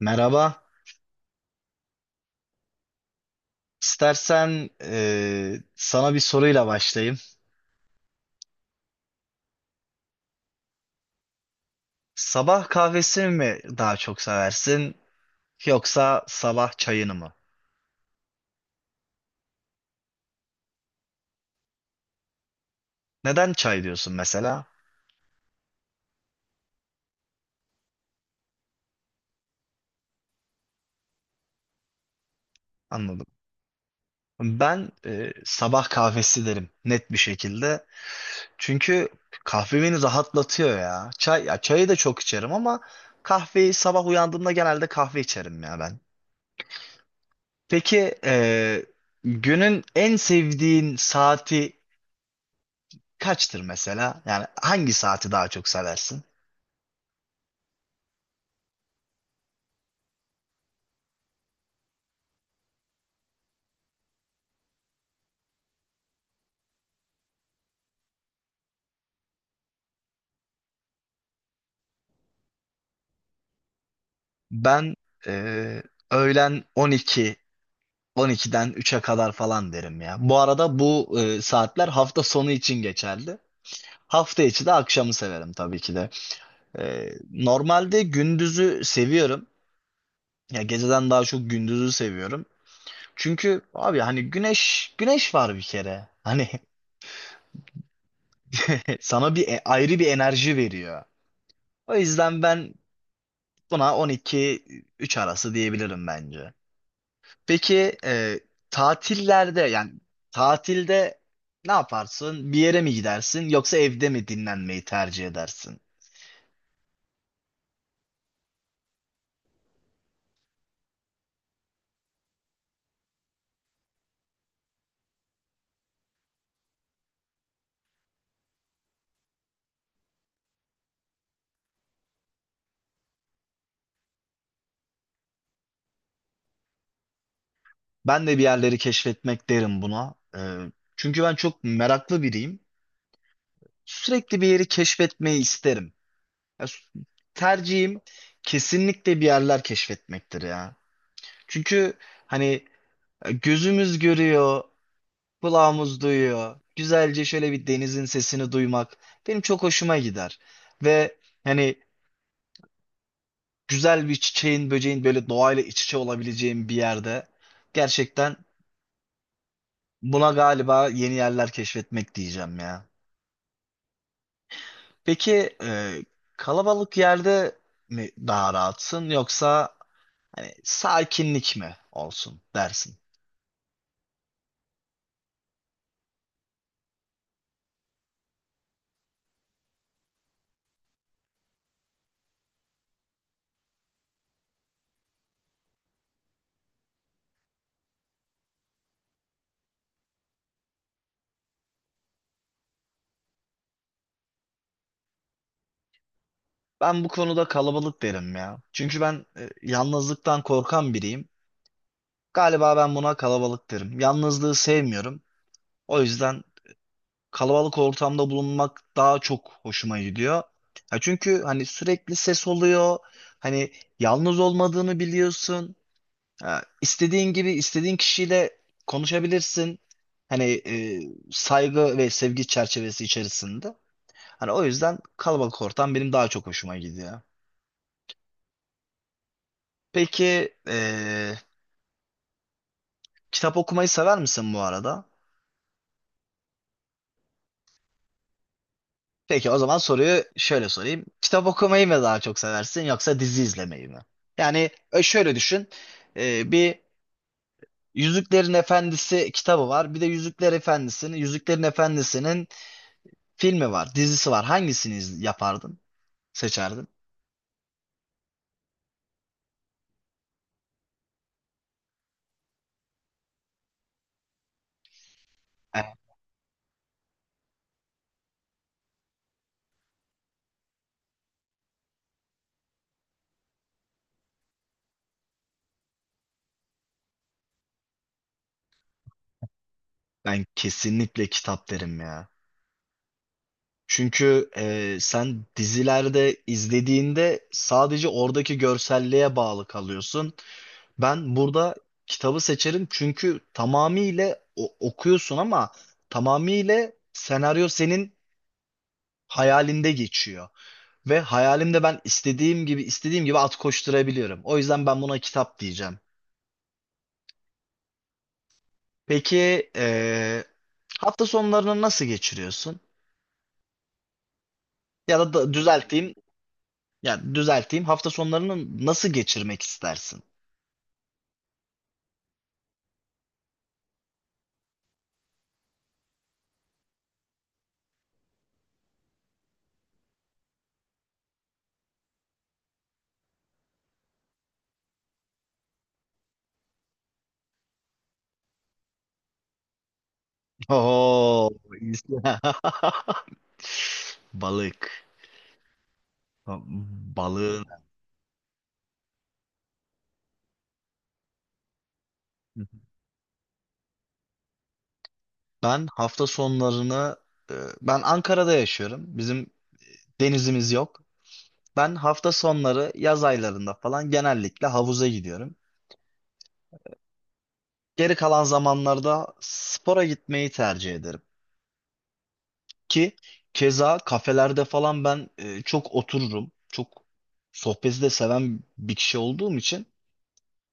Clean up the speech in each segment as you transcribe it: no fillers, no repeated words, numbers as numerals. Merhaba. İstersen sana bir soruyla başlayayım. Sabah kahvesini mi daha çok seversin yoksa sabah çayını mı? Neden çay diyorsun mesela? Anladım. Ben sabah kahvesi derim net bir şekilde. Çünkü kahve beni rahatlatıyor ya. Çay, ya çayı da çok içerim ama kahveyi sabah uyandığımda genelde kahve içerim ya ben. Peki günün en sevdiğin saati kaçtır mesela? Yani hangi saati daha çok seversin? Ben e, öğlen 12, 12'den 3'e kadar falan derim ya. Bu arada bu saatler hafta sonu için geçerli. Hafta içi de akşamı severim tabii ki de. Normalde gündüzü seviyorum. Ya geceden daha çok gündüzü seviyorum. Çünkü abi hani güneş güneş var bir kere. Hani sana bir ayrı bir enerji veriyor. O yüzden ben buna 12 3 arası diyebilirim bence. Peki tatillerde yani tatilde ne yaparsın? Bir yere mi gidersin yoksa evde mi dinlenmeyi tercih edersin? Ben de bir yerleri keşfetmek derim buna. Çünkü ben çok meraklı biriyim. Sürekli bir yeri keşfetmeyi isterim. Ya, tercihim kesinlikle bir yerler keşfetmektir ya. Çünkü hani gözümüz görüyor, kulağımız duyuyor. Güzelce şöyle bir denizin sesini duymak benim çok hoşuma gider. Ve hani güzel bir çiçeğin, böceğin böyle doğayla iç içe olabileceğim bir yerde. Gerçekten buna galiba yeni yerler keşfetmek diyeceğim ya. Peki kalabalık yerde mi daha rahatsın yoksa hani sakinlik mi olsun dersin? Ben bu konuda kalabalık derim ya. Çünkü ben yalnızlıktan korkan biriyim. Galiba ben buna kalabalık derim. Yalnızlığı sevmiyorum. O yüzden kalabalık ortamda bulunmak daha çok hoşuma gidiyor. Ya çünkü hani sürekli ses oluyor. Hani yalnız olmadığını biliyorsun. Ya istediğin gibi istediğin kişiyle konuşabilirsin. Hani saygı ve sevgi çerçevesi içerisinde. Hani o yüzden kalabalık ortam benim daha çok hoşuma gidiyor. Peki kitap okumayı sever misin bu arada? Peki o zaman soruyu şöyle sorayım. Kitap okumayı mı daha çok seversin yoksa dizi izlemeyi mi? Yani şöyle düşün. Bir Yüzüklerin Efendisi kitabı var. Bir de Yüzüklerin Efendisi'nin filmi var, dizisi var. Hangisini yapardın? Seçerdin? Eh, Ben kesinlikle kitap derim ya. Çünkü sen dizilerde izlediğinde sadece oradaki görselliğe bağlı kalıyorsun. Ben burada kitabı seçerim çünkü tamamıyla okuyorsun ama tamamıyla senaryo senin hayalinde geçiyor. Ve hayalimde ben istediğim gibi istediğim gibi at koşturabiliyorum. O yüzden ben buna kitap diyeceğim. Peki hafta sonlarını nasıl geçiriyorsun? Ya da düzelteyim, ya düzelteyim hafta sonlarını nasıl geçirmek istersin? Oo, iyisi. balık. Balığın. Ben hafta sonlarını e, ben Ankara'da yaşıyorum. Bizim denizimiz yok. Ben hafta sonları yaz aylarında falan genellikle havuza gidiyorum. Geri kalan zamanlarda spora gitmeyi tercih ederim. Ki keza kafelerde falan ben çok otururum. Çok sohbeti de seven bir kişi olduğum için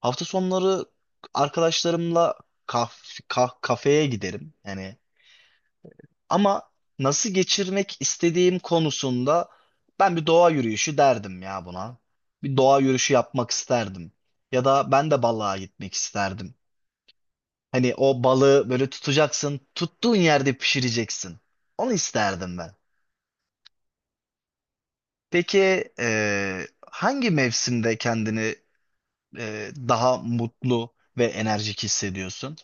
hafta sonları arkadaşlarımla kafeye giderim. Yani ama nasıl geçirmek istediğim konusunda ben bir doğa yürüyüşü derdim ya buna. Bir doğa yürüyüşü yapmak isterdim. Ya da ben de balığa gitmek isterdim. Hani o balığı böyle tutacaksın, tuttuğun yerde pişireceksin. Onu isterdim ben. Peki hangi mevsimde kendini daha mutlu ve enerjik hissediyorsun?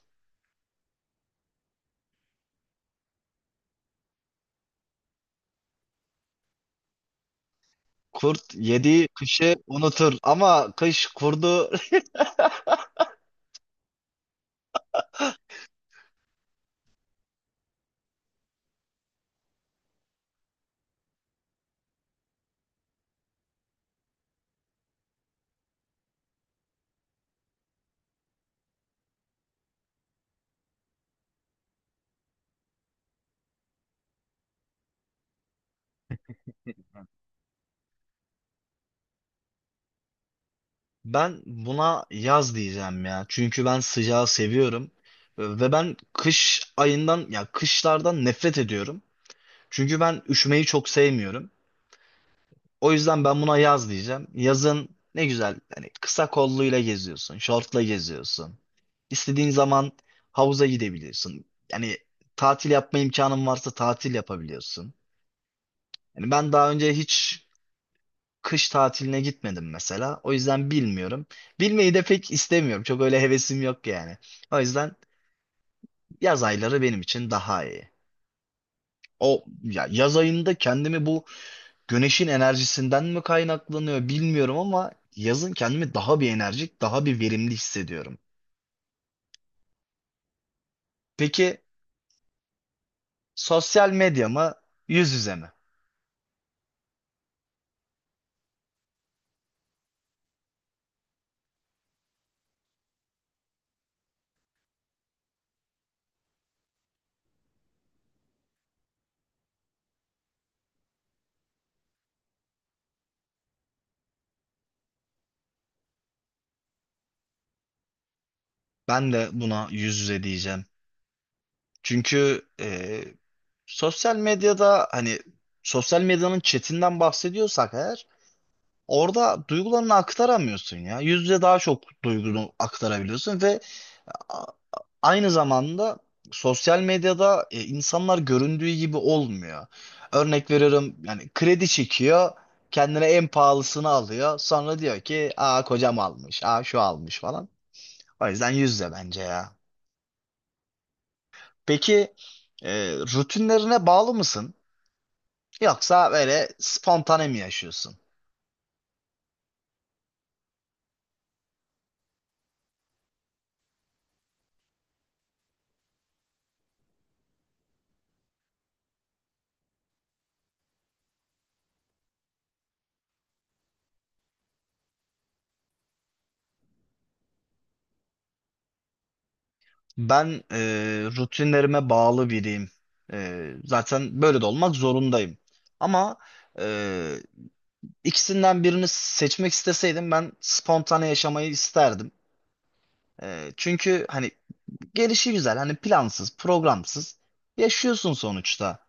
Kurt yediği kışı unutur ama kış kurdu. Ben buna yaz diyeceğim ya. Çünkü ben sıcağı seviyorum. Ve ben kış ayından ya kışlardan nefret ediyorum. Çünkü ben üşümeyi çok sevmiyorum. O yüzden ben buna yaz diyeceğim. Yazın ne güzel hani kısa kolluyla geziyorsun, şortla geziyorsun. İstediğin zaman havuza gidebiliyorsun. Yani tatil yapma imkanın varsa tatil yapabiliyorsun. Yani ben daha önce hiç kış tatiline gitmedim mesela. O yüzden bilmiyorum. Bilmeyi de pek istemiyorum. Çok öyle hevesim yok yani. O yüzden yaz ayları benim için daha iyi. O ya yaz ayında kendimi bu güneşin enerjisinden mi kaynaklanıyor bilmiyorum ama yazın kendimi daha bir enerjik, daha bir verimli hissediyorum. Peki sosyal medya mı, yüz yüze mi? Ben de buna yüz yüze diyeceğim. Çünkü sosyal medyada hani sosyal medyanın chatinden bahsediyorsak eğer orada duygularını aktaramıyorsun ya. Yüz yüze daha çok duygunu aktarabiliyorsun ve a- aynı zamanda sosyal medyada insanlar göründüğü gibi olmuyor. Örnek veriyorum yani kredi çekiyor, kendine en pahalısını alıyor. Sonra diyor ki, "Aa kocam almış, aa şu almış" falan. O yüzden yüz yüze bence ya. Peki rutinlerine bağlı mısın? Yoksa böyle spontane mi yaşıyorsun? Ben rutinlerime bağlı biriyim. Zaten böyle de olmak zorundayım. Ama e, ikisinden birini seçmek isteseydim ben spontane yaşamayı isterdim. Çünkü hani gelişi güzel, hani plansız, programsız yaşıyorsun sonuçta.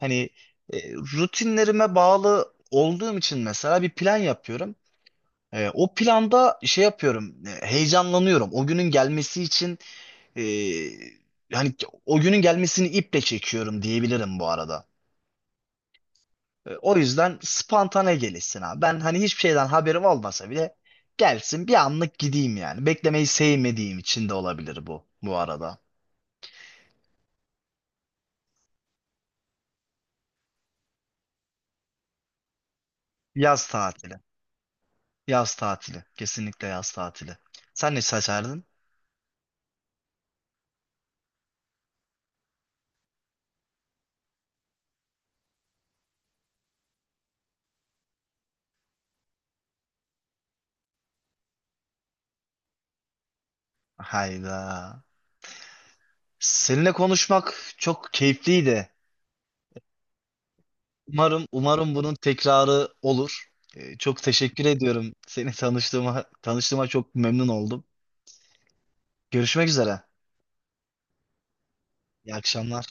Hani rutinlerime bağlı olduğum için mesela bir plan yapıyorum. O planda şey yapıyorum, heyecanlanıyorum. O günün gelmesi için Ee, yani o günün gelmesini iple çekiyorum diyebilirim bu arada. O yüzden spontane gelişsin abi. Ben hani hiçbir şeyden haberim olmasa bile gelsin bir anlık gideyim yani. Beklemeyi sevmediğim için de olabilir bu arada. Yaz tatili. Yaz tatili. Kesinlikle yaz tatili. Sen ne seçerdin? Hayda. Seninle konuşmak çok keyifliydi. Umarım bunun tekrarı olur. Çok teşekkür ediyorum. Seni tanıştığıma çok memnun oldum. Görüşmek üzere. İyi akşamlar.